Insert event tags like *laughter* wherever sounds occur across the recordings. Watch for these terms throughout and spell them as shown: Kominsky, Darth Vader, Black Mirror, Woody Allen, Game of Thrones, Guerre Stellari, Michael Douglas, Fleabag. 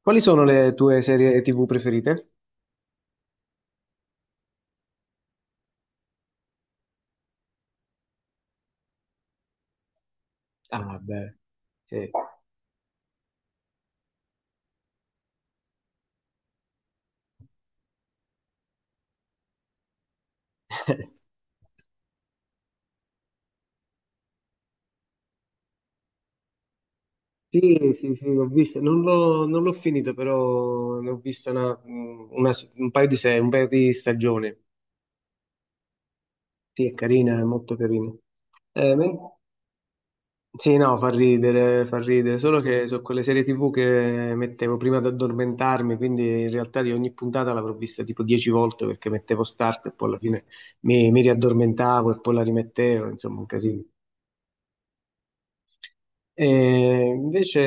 Quali sono le tue serie TV preferite? Ah, beh, sì. *laughs* Sì, sì, sì, l'ho vista. Non l'ho finita, però ne ho vista un paio di, se- un paio di stagioni. Sì, è carina, è molto carina. Eh, men- Sì, no, fa ridere, solo che sono quelle serie TV che mettevo prima ad addormentarmi, quindi in realtà di ogni puntata l'avrò vista tipo 10 volte perché mettevo start e poi alla fine mi riaddormentavo e poi la rimettevo, insomma, un casino. E invece,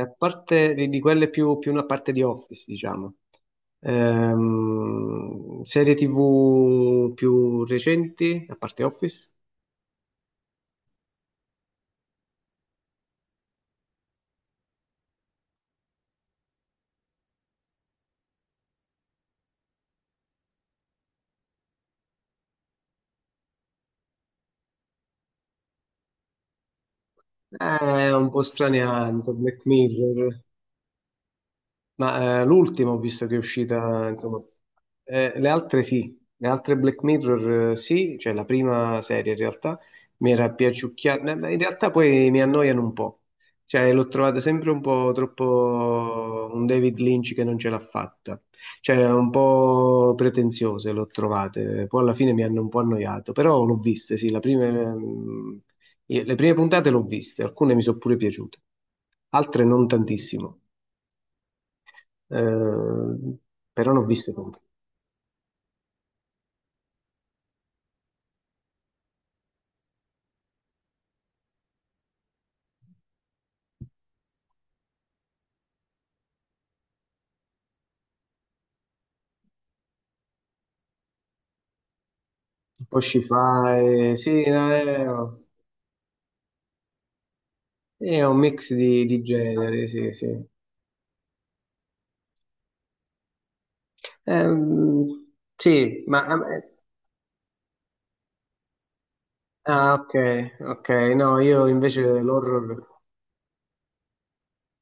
a parte di quelle più una parte di Office, diciamo, serie TV più recenti, a parte Office, è un po' straniante, Black Mirror. Ma l'ultima ho visto che è uscita, insomma, le altre sì, le altre Black Mirror sì, cioè la prima serie in realtà mi era piaciucchiata, in realtà poi mi annoiano un po', cioè l'ho trovata sempre un po' troppo un David Lynch che non ce l'ha fatta, cioè un po' pretenziose l'ho trovate, poi alla fine mi hanno un po' annoiato, però l'ho viste, sì, la prima, mm, le prime puntate l'ho viste, alcune mi sono pure piaciute, altre non tantissimo. Eh, Però l'ho viste tutte. Poi ci fa, sì, è un mix di generi, sì, sì. Ehm, sì, ma, Ah, ok, ok, no, io invece l'horror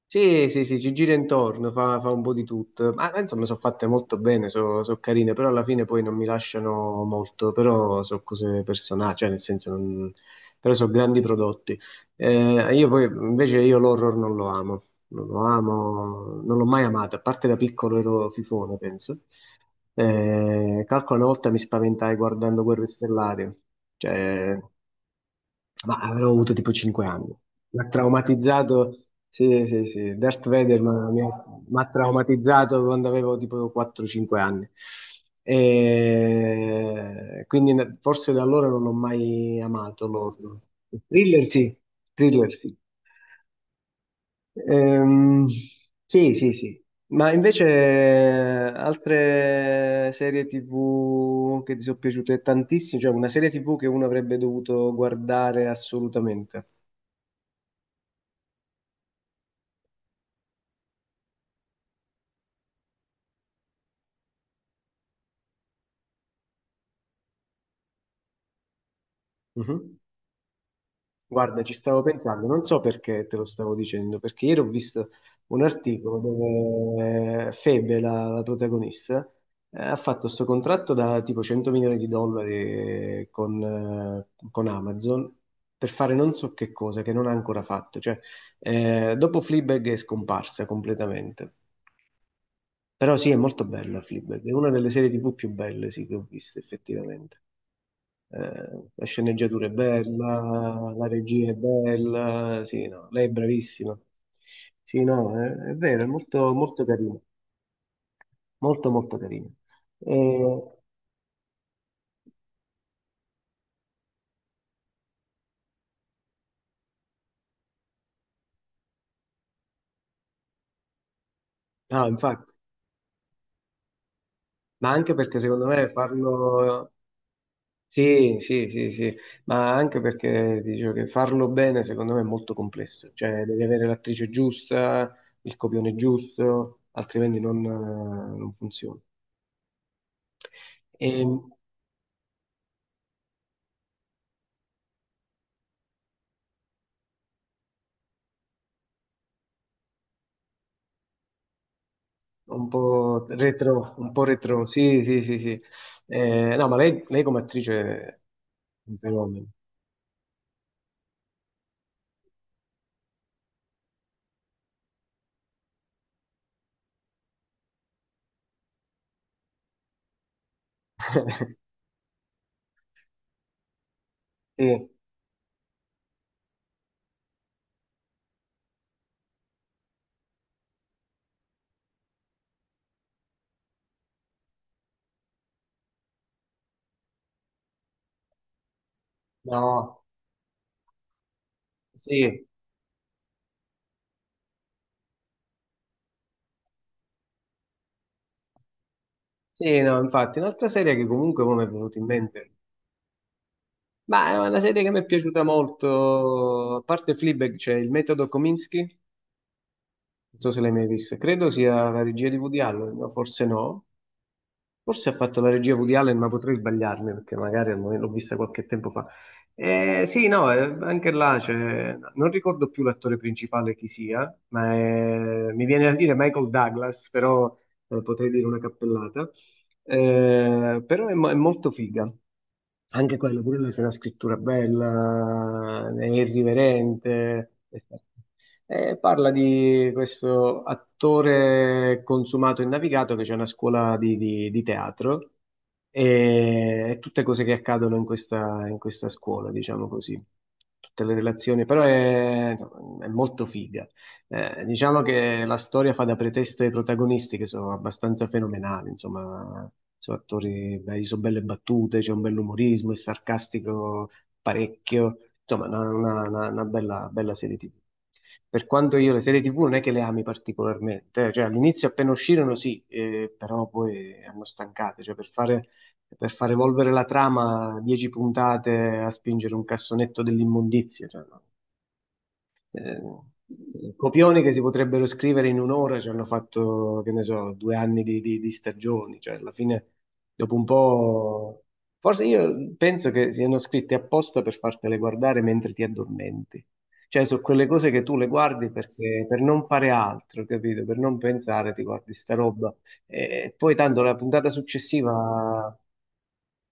sì, sì, sì, ci gira intorno, fa un po' di tutto. Ma insomma, sono fatte molto bene, sono carine, però alla fine poi non mi lasciano molto, però sono cose personali, cioè nel senso, però sono grandi prodotti. Io poi, invece, io l'horror non lo amo, non lo amo, non l'ho mai amato, a parte da piccolo ero fifone, penso. Calcolo una volta mi spaventai guardando Guerre Stellari, cioè... ma avrò avuto tipo 5 anni. Mi ha traumatizzato, sì, sì, sì, Darth Vader mi ha traumatizzato quando avevo tipo 4-5 anni. E quindi forse da allora non ho mai amato l'horror. Thriller sì, thriller sì. Ehm, sì, sì, sì. Ma invece altre serie TV che ti sono piaciute tantissimo, cioè una serie TV che uno avrebbe dovuto guardare assolutamente. Mhm. Guarda, ci stavo pensando, non so perché te lo stavo dicendo, perché ieri ho visto un articolo dove Febe, la protagonista, ha fatto questo contratto da tipo 100 milioni di dollari con Amazon per fare non so che cosa che non ha ancora fatto. Cioè, dopo Fleabag è scomparsa completamente. Però sì, è molto bella Fleabag, è una delle serie TV più belle sì, che ho visto effettivamente. La sceneggiatura è bella, la regia è bella, sì, no, lei è bravissima. Sì, no, è vero, è molto, molto carina, molto, molto carina. E- no, infatti, ma anche perché sì, sì, sì, sì, ma anche perché dicevo che farlo bene secondo me è molto complesso, cioè devi avere l'attrice giusta, il copione giusto, altrimenti non funziona. E- un po' retro, sì, sì, sì, sì. No, ma lei come attrice è un fenomeno. *laughs* Sì, no, sì, sì, no, infatti, un'altra serie che comunque mo mi è venuta in mente, ma è una serie che mi è piaciuta molto, a parte Fleabag c'è il metodo Kominsky, non so se l'hai mai vista, credo sia la regia di Woody Allen, ma forse no. Forse ha fatto la regia Woody Allen, ma potrei sbagliarmi perché magari l'ho vista qualche tempo fa. Sì, no, anche là non ricordo più l'attore principale chi sia, ma mi viene da dire Michael Douglas, però potrei dire una cappellata. Però è molto figa. Anche quello, pure lui c'è una scrittura bella, è irriverente. E parla di questo attore consumato e navigato che c'è una scuola di teatro e tutte cose che accadono in questa scuola, diciamo così. Tutte le relazioni, però è molto figa. Diciamo che la storia fa da pretesto ai protagonisti che sono abbastanza fenomenali, insomma, sono attori, beh, sono belle battute, c'è un bell'umorismo, è sarcastico parecchio, insomma, una bella, bella serie TV. Per quanto io le serie TV non è che le ami particolarmente, cioè all'inizio appena uscirono sì, però poi hanno stancate, cioè per far evolvere la trama, 10 puntate a spingere un cassonetto dell'immondizia, cioè, no, eh, copioni che si potrebbero scrivere in un'ora ci hanno fatto, che ne so, 2 anni di stagioni, cioè alla fine dopo un po'. Forse io penso che siano scritti apposta per fartele guardare mentre ti addormenti. Cioè, sono quelle cose che tu le guardi perché, per non fare altro, capito? Per non pensare, ti guardi sta roba. E poi tanto la puntata successiva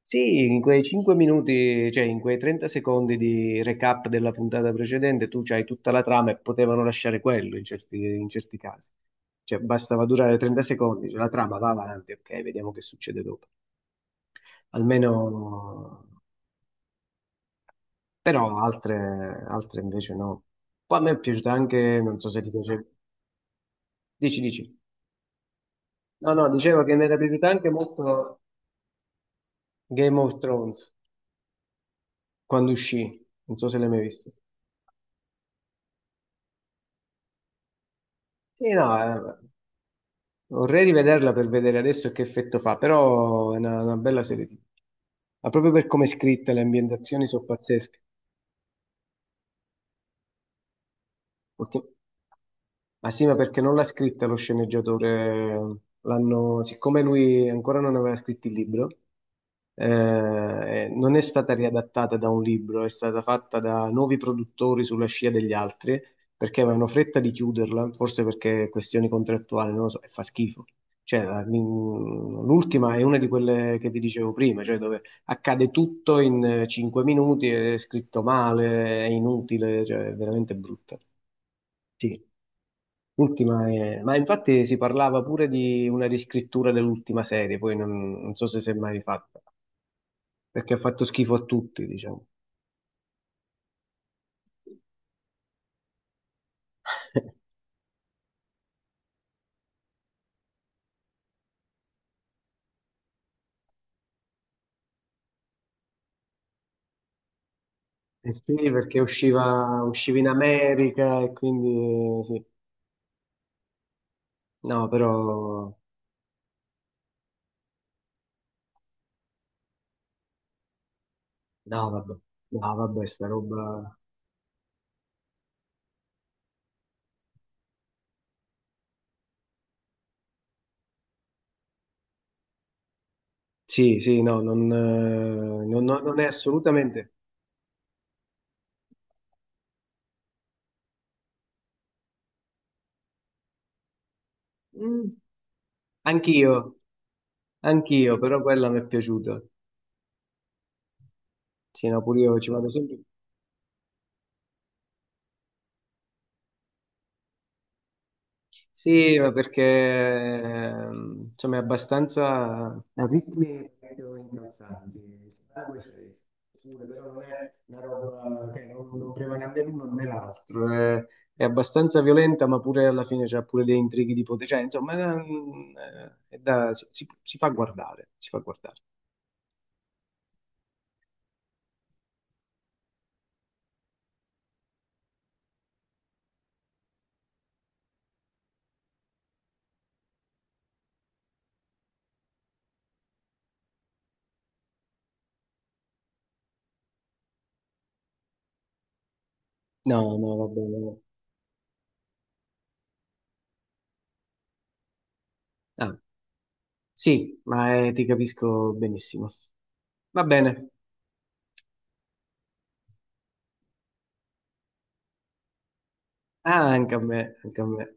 sì, in quei 5 minuti, cioè in quei 30 secondi di recap della puntata precedente, tu c'hai tutta la trama e potevano lasciare quello in certi casi. Cioè, bastava durare 30 secondi, cioè, la trama va avanti, ok, vediamo che succede dopo. Almeno, però altre invece no. Poi a me è piaciuta anche, non so se ti piace, dici, dici. No, no, dicevo che mi era piaciuta anche molto Game of Thrones quando uscì, non so se l'hai mai visto. Sì, no, eh, vorrei rivederla per vedere adesso che effetto fa, però è una bella serie TV. Ma proprio per come è scritta, le ambientazioni sono pazzesche. Perché- ma sì, ma perché non l'ha scritta lo sceneggiatore? L'hanno, siccome lui ancora non aveva scritto il libro, non è stata riadattata da un libro, è stata fatta da nuovi produttori sulla scia degli altri perché avevano fretta di chiuderla, forse perché questioni contrattuali, non lo so, e fa schifo. Cioè, l'ultima è una di quelle che ti dicevo prima, cioè dove accade tutto in 5 minuti, è scritto male, è inutile, cioè è veramente brutta. Sì, ma infatti si parlava pure di una riscrittura dell'ultima serie, poi non so se si è mai fatta perché ha fatto schifo a tutti, diciamo. *laughs* E sì, perché usciva in America e quindi sì. No, però no, vabbè, no, vabbè, sta roba. Sì, sì, no, non è assolutamente. Mm, Anch'io, anch'io, però quella mi è piaciuta. Sì, no, pure io ci vado sempre. Sì, ma perché insomma è abbastanza a ritmi proprio incalzanti. Sangue c'è, pure, però non è una roba che non prevale né l'uno né l'altro. È abbastanza violenta, ma pure alla fine c'ha pure dei intrighi di potere. Cioè, insomma, si fa guardare, si fa guardare. No, no, va bene. Ah, sì, ma ti capisco benissimo. Va bene. Ah, anche a me, anche a me.